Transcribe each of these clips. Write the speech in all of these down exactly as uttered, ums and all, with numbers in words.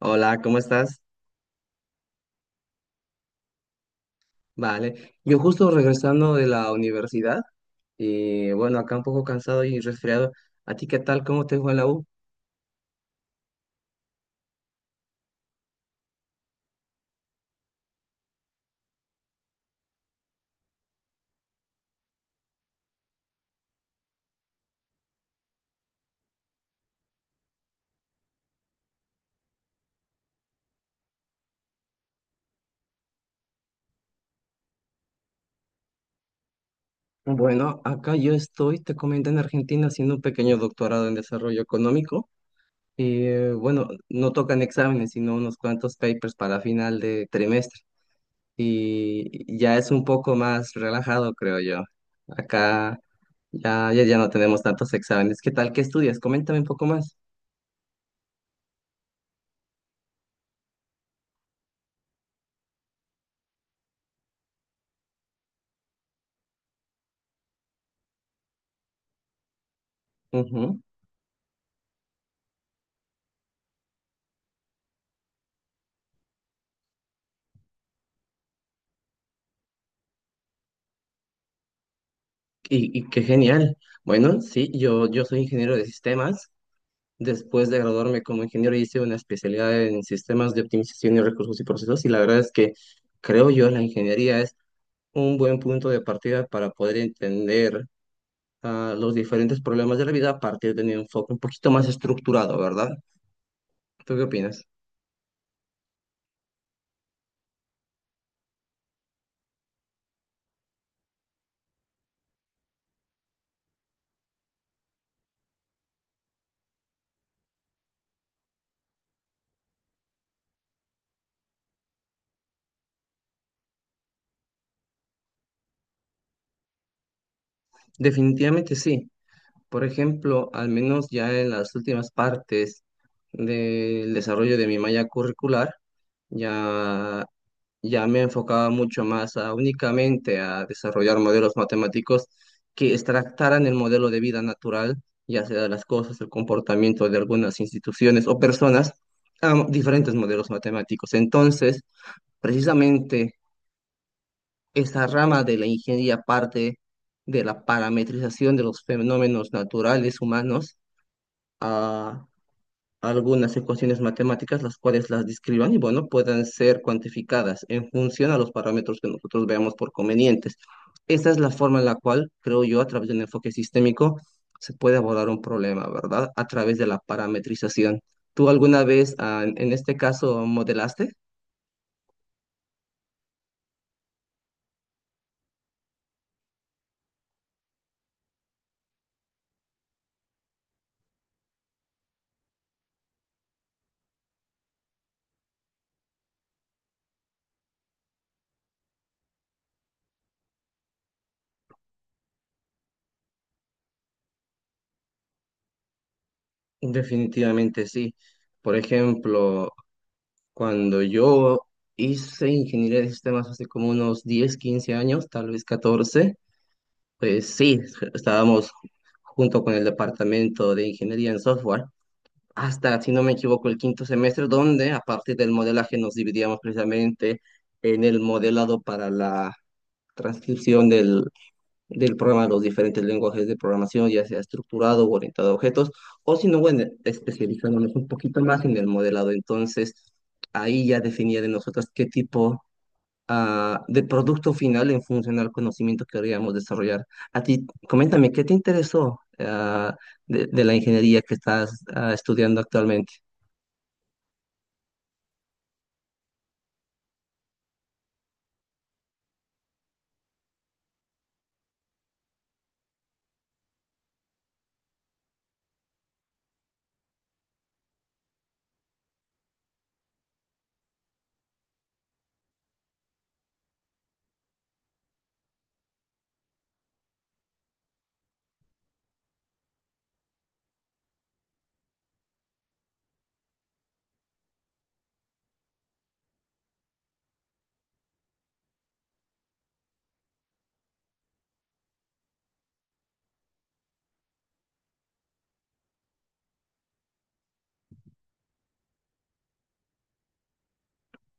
Hola, ¿cómo estás? Vale. Yo justo regresando de la universidad y bueno, acá un poco cansado y resfriado. ¿A ti qué tal? ¿Cómo te fue en la U? Bueno, acá yo estoy, te comento, en Argentina haciendo un pequeño doctorado en desarrollo económico y eh, bueno, no tocan exámenes, sino unos cuantos papers para final de trimestre y ya es un poco más relajado, creo yo. Acá ya, ya, ya no tenemos tantos exámenes. ¿Qué tal? ¿Qué estudias? Coméntame un poco más. Ujú. Y, y qué genial. Bueno, sí, yo, yo soy ingeniero de sistemas. Después de graduarme como ingeniero hice una especialidad en sistemas de optimización y recursos y procesos y la verdad es que creo yo la ingeniería es un buen punto de partida para poder entender ah, los diferentes problemas de la vida a partir de un enfoque un poquito más estructurado, ¿verdad? ¿Tú qué opinas? Definitivamente sí. Por ejemplo, al menos ya en las últimas partes del desarrollo de mi malla curricular, ya ya me enfocaba mucho más a únicamente a desarrollar modelos matemáticos que extractaran el modelo de vida natural, ya sea de las cosas, el comportamiento de algunas instituciones o personas, a diferentes modelos matemáticos. Entonces, precisamente esa rama de la ingeniería parte de la parametrización de los fenómenos naturales humanos algunas ecuaciones matemáticas, las cuales las describan y, bueno, puedan ser cuantificadas en función a los parámetros que nosotros veamos por convenientes. Esa es la forma en la cual, creo yo, a través de un enfoque sistémico, se puede abordar un problema, ¿verdad? A través de la parametrización. ¿Tú alguna vez, ah, en en este caso, modelaste? Definitivamente sí. Por ejemplo, cuando yo hice ingeniería de sistemas hace como unos diez quince años, tal vez catorce. Pues sí, estábamos junto con el departamento de ingeniería en software hasta, si no me equivoco, el quinto semestre, donde a partir del modelaje nos dividíamos precisamente en el modelado para la transcripción del, del programa a los diferentes lenguajes de programación, ya sea estructurado o orientado a objetos, o si no, bueno, especializándonos un poquito más en el modelado. Entonces, ahí ya definía de nosotros qué tipo ah, de producto final en función al conocimiento que queríamos desarrollar. A ti, coméntame, ¿qué te interesó ah, de, de la ingeniería que estás ah, estudiando actualmente?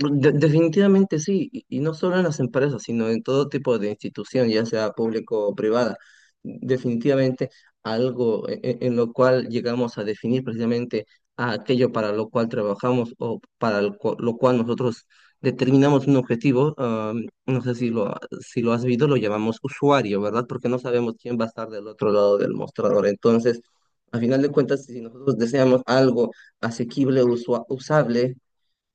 De- definitivamente sí, y, y no solo en las empresas, sino en todo tipo de institución, ya sea público o privada. Definitivamente algo e- e- en, lo cual llegamos a definir precisamente a aquello para lo cual trabajamos o para el cu- lo cual nosotros determinamos un objetivo. Ah, no sé si lo, si lo has visto, lo llamamos usuario, ¿verdad? Porque no sabemos quién va a estar del otro lado del mostrador. Entonces, a final de cuentas, si nosotros deseamos algo asequible, usua- usable,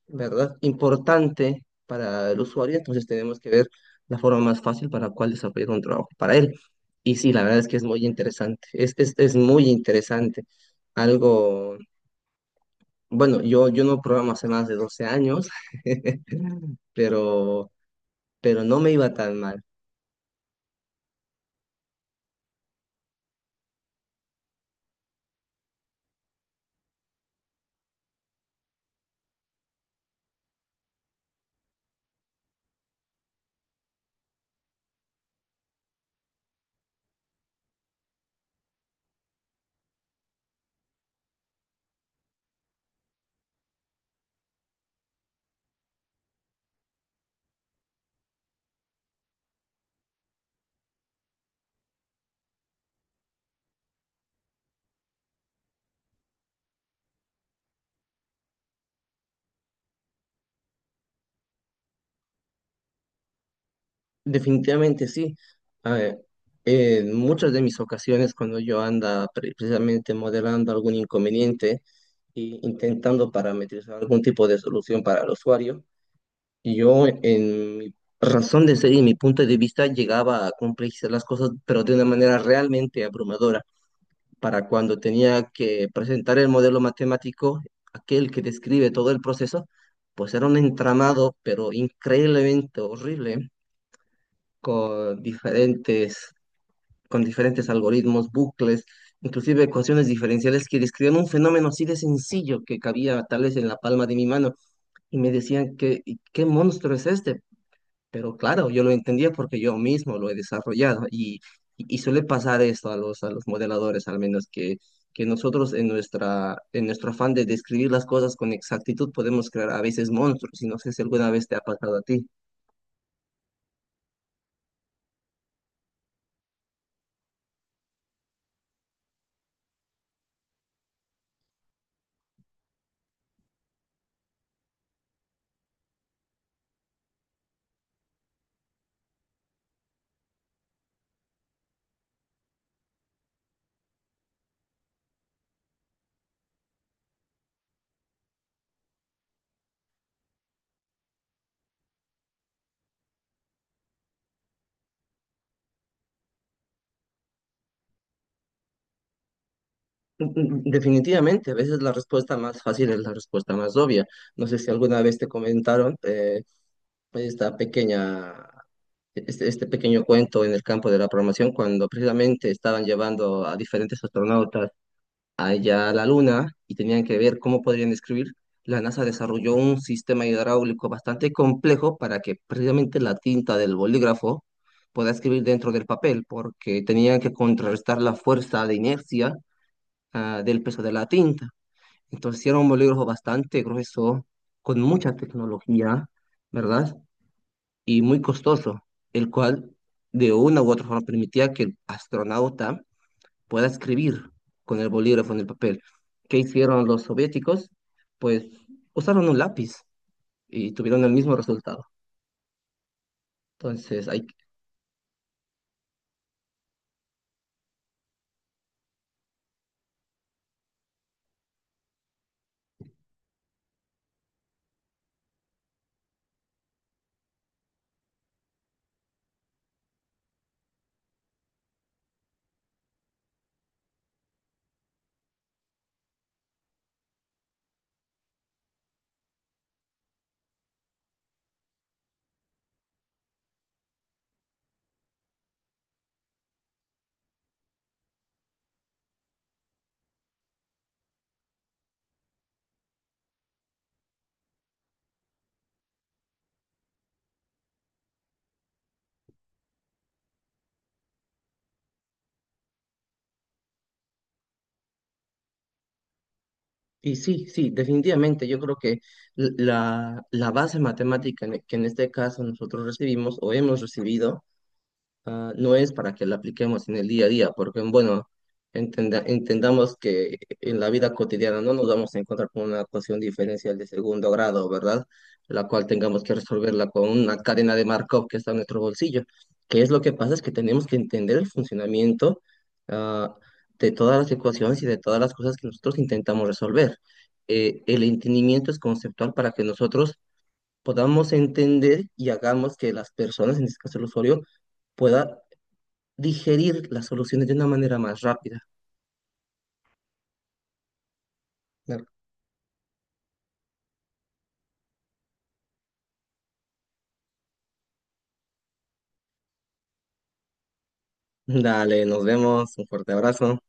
¿verdad? Importante para el usuario, entonces tenemos que ver la forma más fácil para cuál desarrollar un trabajo para él. Y sí, la verdad es que es muy interesante, es, es, es muy interesante. Algo, bueno, yo, yo no programo hace más de doce años, pero, pero no me iba tan mal. Definitivamente sí. A ver, en muchas de mis ocasiones cuando yo anda pre- precisamente modelando algún inconveniente e intentando parametrizar algún tipo de solución para el usuario, yo, en mi razón de ser y mi punto de vista, llegaba a complejizar las cosas, pero de una manera realmente abrumadora. Para cuando tenía que presentar el modelo matemático, aquel que describe todo el proceso, pues era un entramado, pero increíblemente horrible, con diferentes, con diferentes algoritmos, bucles, inclusive ecuaciones diferenciales que describían un fenómeno así de sencillo que cabía tal vez en la palma de mi mano y me decían que: "¿Y qué monstruo es este?" Pero claro, yo lo entendía porque yo mismo lo he desarrollado y, y, y suele pasar esto a los, a los modeladores, al menos que, que nosotros en nuestra, en nuestro afán de describir las cosas con exactitud podemos crear a veces monstruos y no sé si alguna vez te ha pasado a ti. Mm, mm. Definitivamente, a veces la respuesta más fácil es la respuesta más obvia. No sé si alguna vez te comentaron eh, esta pequeña, este, este pequeño cuento en el campo de la programación cuando precisamente estaban llevando a diferentes astronautas allá a la Luna y tenían que ver cómo podrían describir, la NASA desarrolló un sistema hidráulico bastante complejo para que precisamente la tinta del bolígrafo pueda escribir dentro del papel, porque tenían que contrarrestar la fuerza de inercia, ah, del peso de la tinta. Entonces era un bolígrafo bastante grueso, con mucha tecnología, ¿verdad? Y muy costoso, el cual de una u otra forma permitía que el astronauta pueda escribir con el bolígrafo en el papel. ¿Qué hicieron los soviéticos? Pues usaron un lápiz y tuvieron el mismo resultado. Entonces, hay, y sí, sí, definitivamente, yo creo que la, la base matemática en- e, que en este caso nosotros recibimos o hemos recibido ah, no es para que la apliquemos en el día a día, porque bueno, entenda- entendamos que en la vida cotidiana no nos vamos a encontrar con una ecuación diferencial de segundo grado, ¿verdad? La cual tengamos que resolverla con una cadena de Markov que está en nuestro bolsillo. ¿Que es lo que pasa? Es que tenemos que entender el funcionamiento, ah, de todas las ecuaciones y de todas las cosas que nosotros intentamos resolver. Eh, el entendimiento es conceptual para que nosotros podamos entender y hagamos que las personas, en este caso el usuario, pueda digerir las soluciones de una manera más rápida. Dale, nos vemos, un fuerte abrazo.